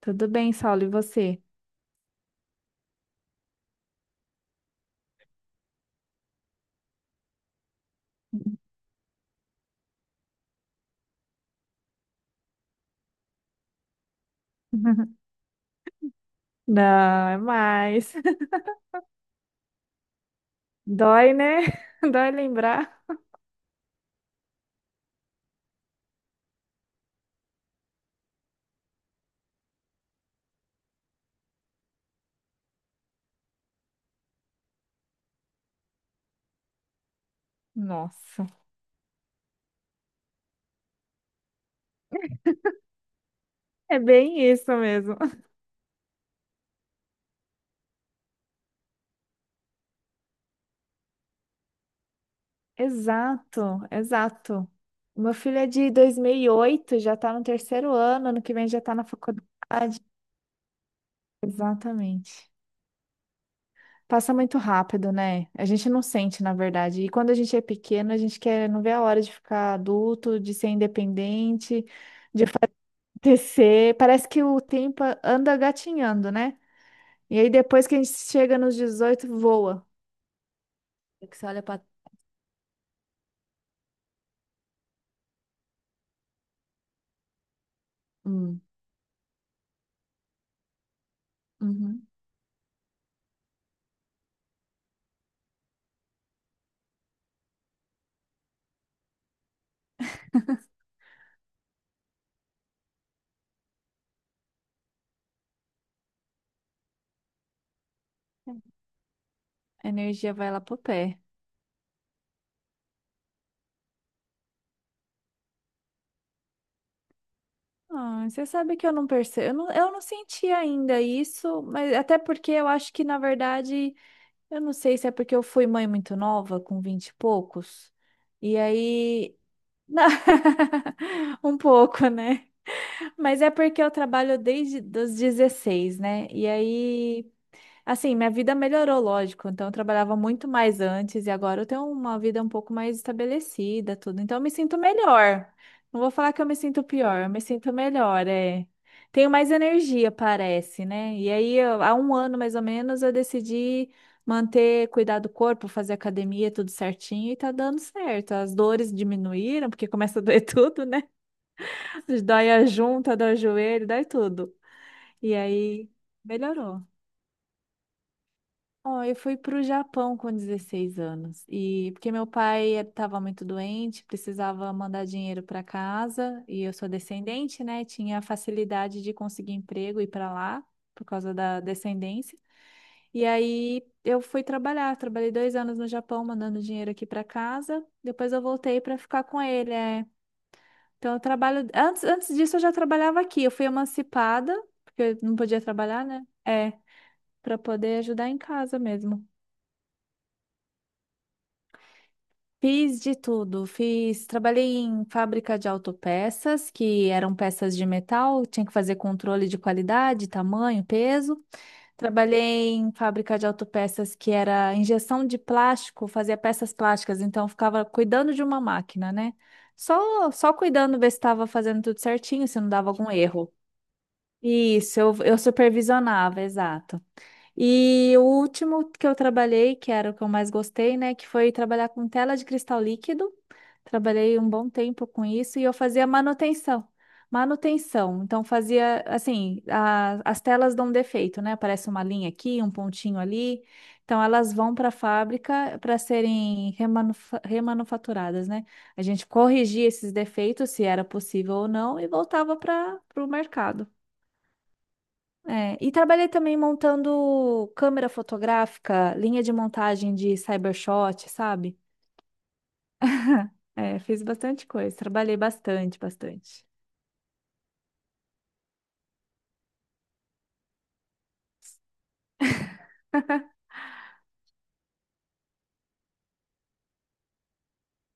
Tudo bem, Saulo, e você? Não, é mais. Dói, né? Dói lembrar. Nossa. É bem isso mesmo. Exato, exato. Meu filho é de 2008, já tá no terceiro ano, ano que vem já tá na faculdade. Exatamente. Passa muito rápido, né? A gente não sente, na verdade. E quando a gente é pequeno, a gente quer não vê a hora de ficar adulto, de ser independente, de TC, parece que o tempo anda gatinhando, né? E aí depois que a gente chega nos 18 voa. É que você olha pra. Hum. Uhum. A energia vai lá pro pé. Ah, você sabe que eu não percebo. Eu não senti ainda isso, mas até porque eu acho que, na verdade, eu não sei se é porque eu fui mãe muito nova, com 20 e poucos. E aí. Um pouco, né? Mas é porque eu trabalho desde os 16, né? E aí. Assim, minha vida melhorou, lógico. Então, eu trabalhava muito mais antes e agora eu tenho uma vida um pouco mais estabelecida, tudo. Então, eu me sinto melhor. Não vou falar que eu me sinto pior, eu me sinto melhor, é. Tenho mais energia, parece, né? E aí, há um ano mais ou menos, eu decidi manter, cuidar do corpo, fazer academia, tudo certinho e tá dando certo. As dores diminuíram, porque começa a doer tudo, né? Dói a junta, dói o joelho, dói tudo. E aí, melhorou. Ó, eu fui para o Japão com 16 anos. E porque meu pai estava muito doente, precisava mandar dinheiro para casa, e eu sou descendente, né? Tinha a facilidade de conseguir emprego e ir para lá por causa da descendência. E aí eu fui trabalhar, trabalhei 2 anos no Japão mandando dinheiro aqui para casa. Depois eu voltei para ficar com ele. É. Então eu trabalho antes disso eu já trabalhava aqui. Eu fui emancipada porque eu não podia trabalhar, né? É, para poder ajudar em casa mesmo. Fiz de tudo, fiz, trabalhei em fábrica de autopeças, que eram peças de metal, tinha que fazer controle de qualidade, tamanho, peso. Trabalhei em fábrica de autopeças que era injeção de plástico, fazia peças plásticas, então eu ficava cuidando de uma máquina, né? Só cuidando, ver se estava fazendo tudo certinho, se não dava algum erro. Isso, eu supervisionava, exato. E o último que eu trabalhei, que era o que eu mais gostei, né, que foi trabalhar com tela de cristal líquido. Trabalhei um bom tempo com isso e eu fazia manutenção. Manutenção. Então fazia assim, as telas dão defeito, né? Aparece uma linha aqui, um pontinho ali. Então elas vão para a fábrica para serem remanufaturadas, né? A gente corrigia esses defeitos, se era possível ou não, e voltava para o mercado. É, e trabalhei também montando câmera fotográfica, linha de montagem de cybershot, sabe? É, fiz bastante coisa, trabalhei bastante, bastante.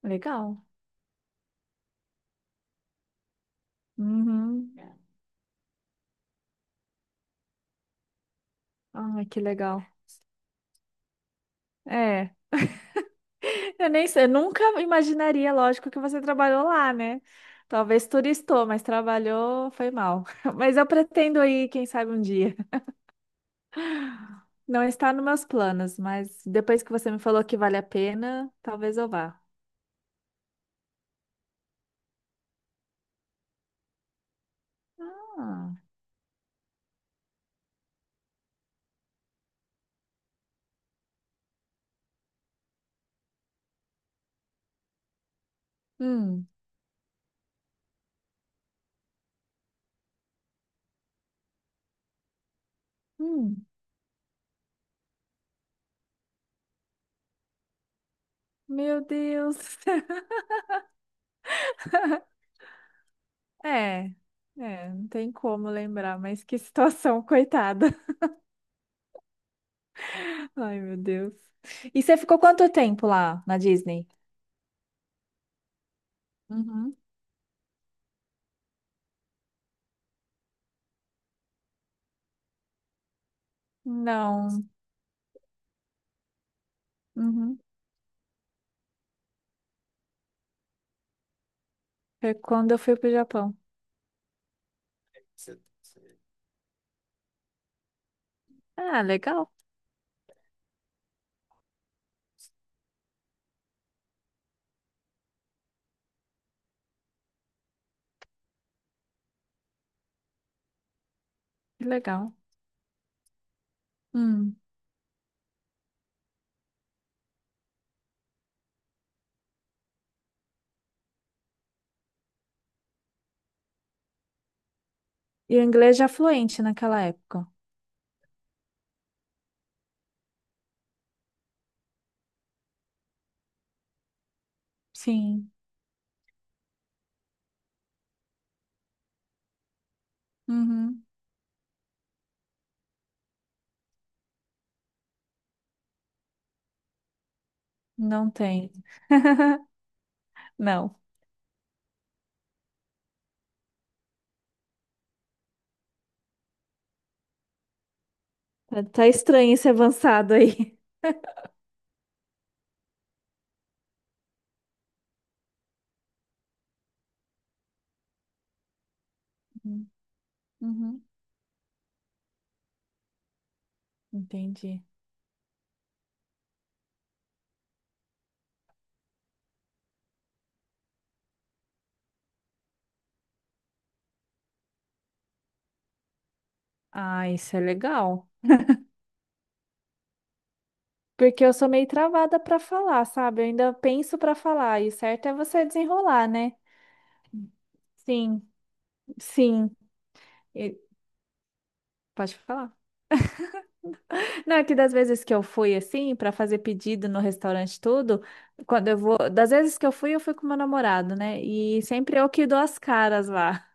Legal. Uhum. Ai, que legal. É, eu nem sei, eu nunca imaginaria, lógico, que você trabalhou lá, né? Talvez turistou, mas trabalhou, foi mal. Mas eu pretendo ir, quem sabe um dia. Não está nos meus planos, mas depois que você me falou que vale a pena, talvez eu vá. Ah, hum. Hum. Meu Deus. É, é, não tem como lembrar, mas que situação, coitada. Ai, meu Deus. E você ficou quanto tempo lá na Disney? Uhum. Não. Uhum. Foi quando eu fui pro Japão. Ah, legal. Que legal. Hum. E o inglês já fluente naquela época. Sim. Uhum. Não tem. Não. Tá estranho esse avançado aí. Uhum. Uhum. Entendi. Ah, isso é legal. Porque eu sou meio travada pra falar, sabe? Eu ainda penso pra falar, e o certo é você desenrolar, né? Sim, sim. E- Pode falar. Não, é que das vezes que eu fui assim, para fazer pedido no restaurante, tudo, quando eu vou. Das vezes que eu fui com meu namorado, né? E sempre eu que dou as caras lá,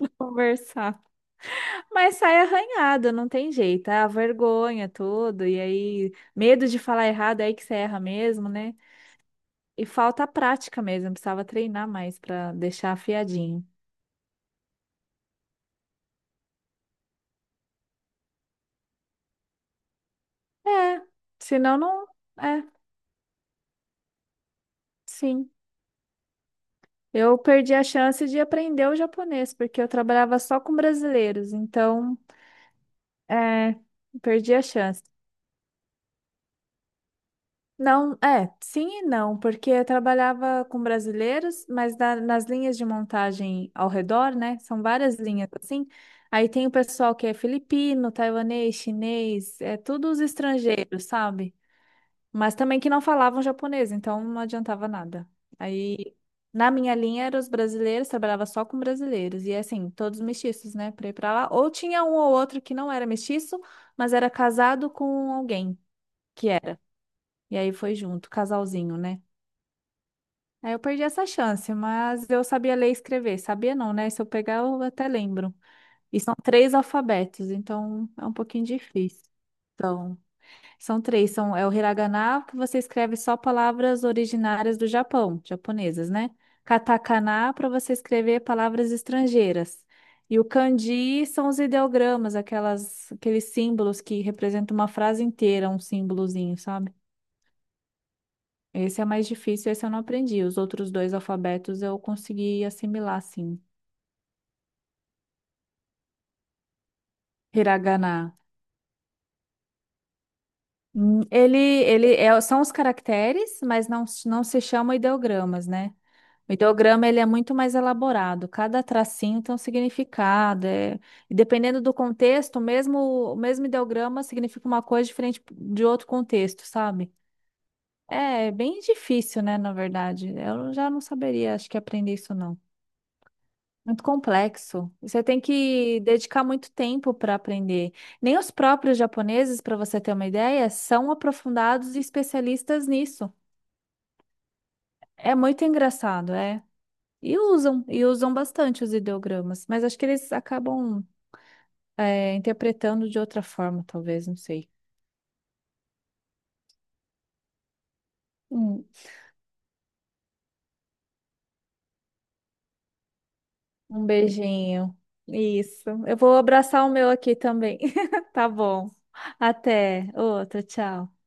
conversar. Mas sai arranhado, não tem jeito. É a vergonha, tudo. E aí, medo de falar errado, é aí que você erra mesmo, né? E falta prática mesmo, precisava treinar mais para deixar afiadinho. É, senão não. É, sim. Eu perdi a chance de aprender o japonês, porque eu trabalhava só com brasileiros, então, é, perdi a chance. Não, é, sim e não, porque eu trabalhava com brasileiros, mas nas linhas de montagem ao redor, né? São várias linhas assim. Aí tem o pessoal que é filipino, taiwanês, chinês, é tudo os estrangeiros, sabe? Mas também que não falavam japonês, então não adiantava nada. Aí, na minha linha, eram os brasileiros, trabalhava só com brasileiros, e assim, todos mestiços, né, pra ir pra lá. Ou tinha um ou outro que não era mestiço, mas era casado com alguém que era. E aí foi junto, casalzinho, né? Aí eu perdi essa chance, mas eu sabia ler e escrever. Sabia não, né? Se eu pegar, eu até lembro. E são três alfabetos, então é um pouquinho difícil. Então são três, é o hiragana, que você escreve só palavras originárias do Japão, japonesas, né? Katakana, para você escrever palavras estrangeiras. E o kanji são os ideogramas, aquelas, aqueles símbolos que representam uma frase inteira, um símbolozinho, sabe? Esse é mais difícil, esse eu não aprendi. Os outros dois alfabetos eu consegui assimilar, sim. Hiragana. São os caracteres, mas não, não se chamam ideogramas, né? O ideograma ele é muito mais elaborado, cada tracinho tem um significado. E dependendo do contexto, o mesmo ideograma significa uma coisa diferente de outro contexto, sabe? É bem difícil, né, na verdade. Eu já não saberia, acho que aprender isso não. Muito complexo. Você tem que dedicar muito tempo para aprender. Nem os próprios japoneses, para você ter uma ideia, são aprofundados e especialistas nisso. É muito engraçado, é. E usam bastante os ideogramas, mas acho que eles acabam interpretando de outra forma, talvez, não sei. Hum. Um beijinho. Isso. Eu vou abraçar o meu aqui também. Tá bom. Até outra, tchau.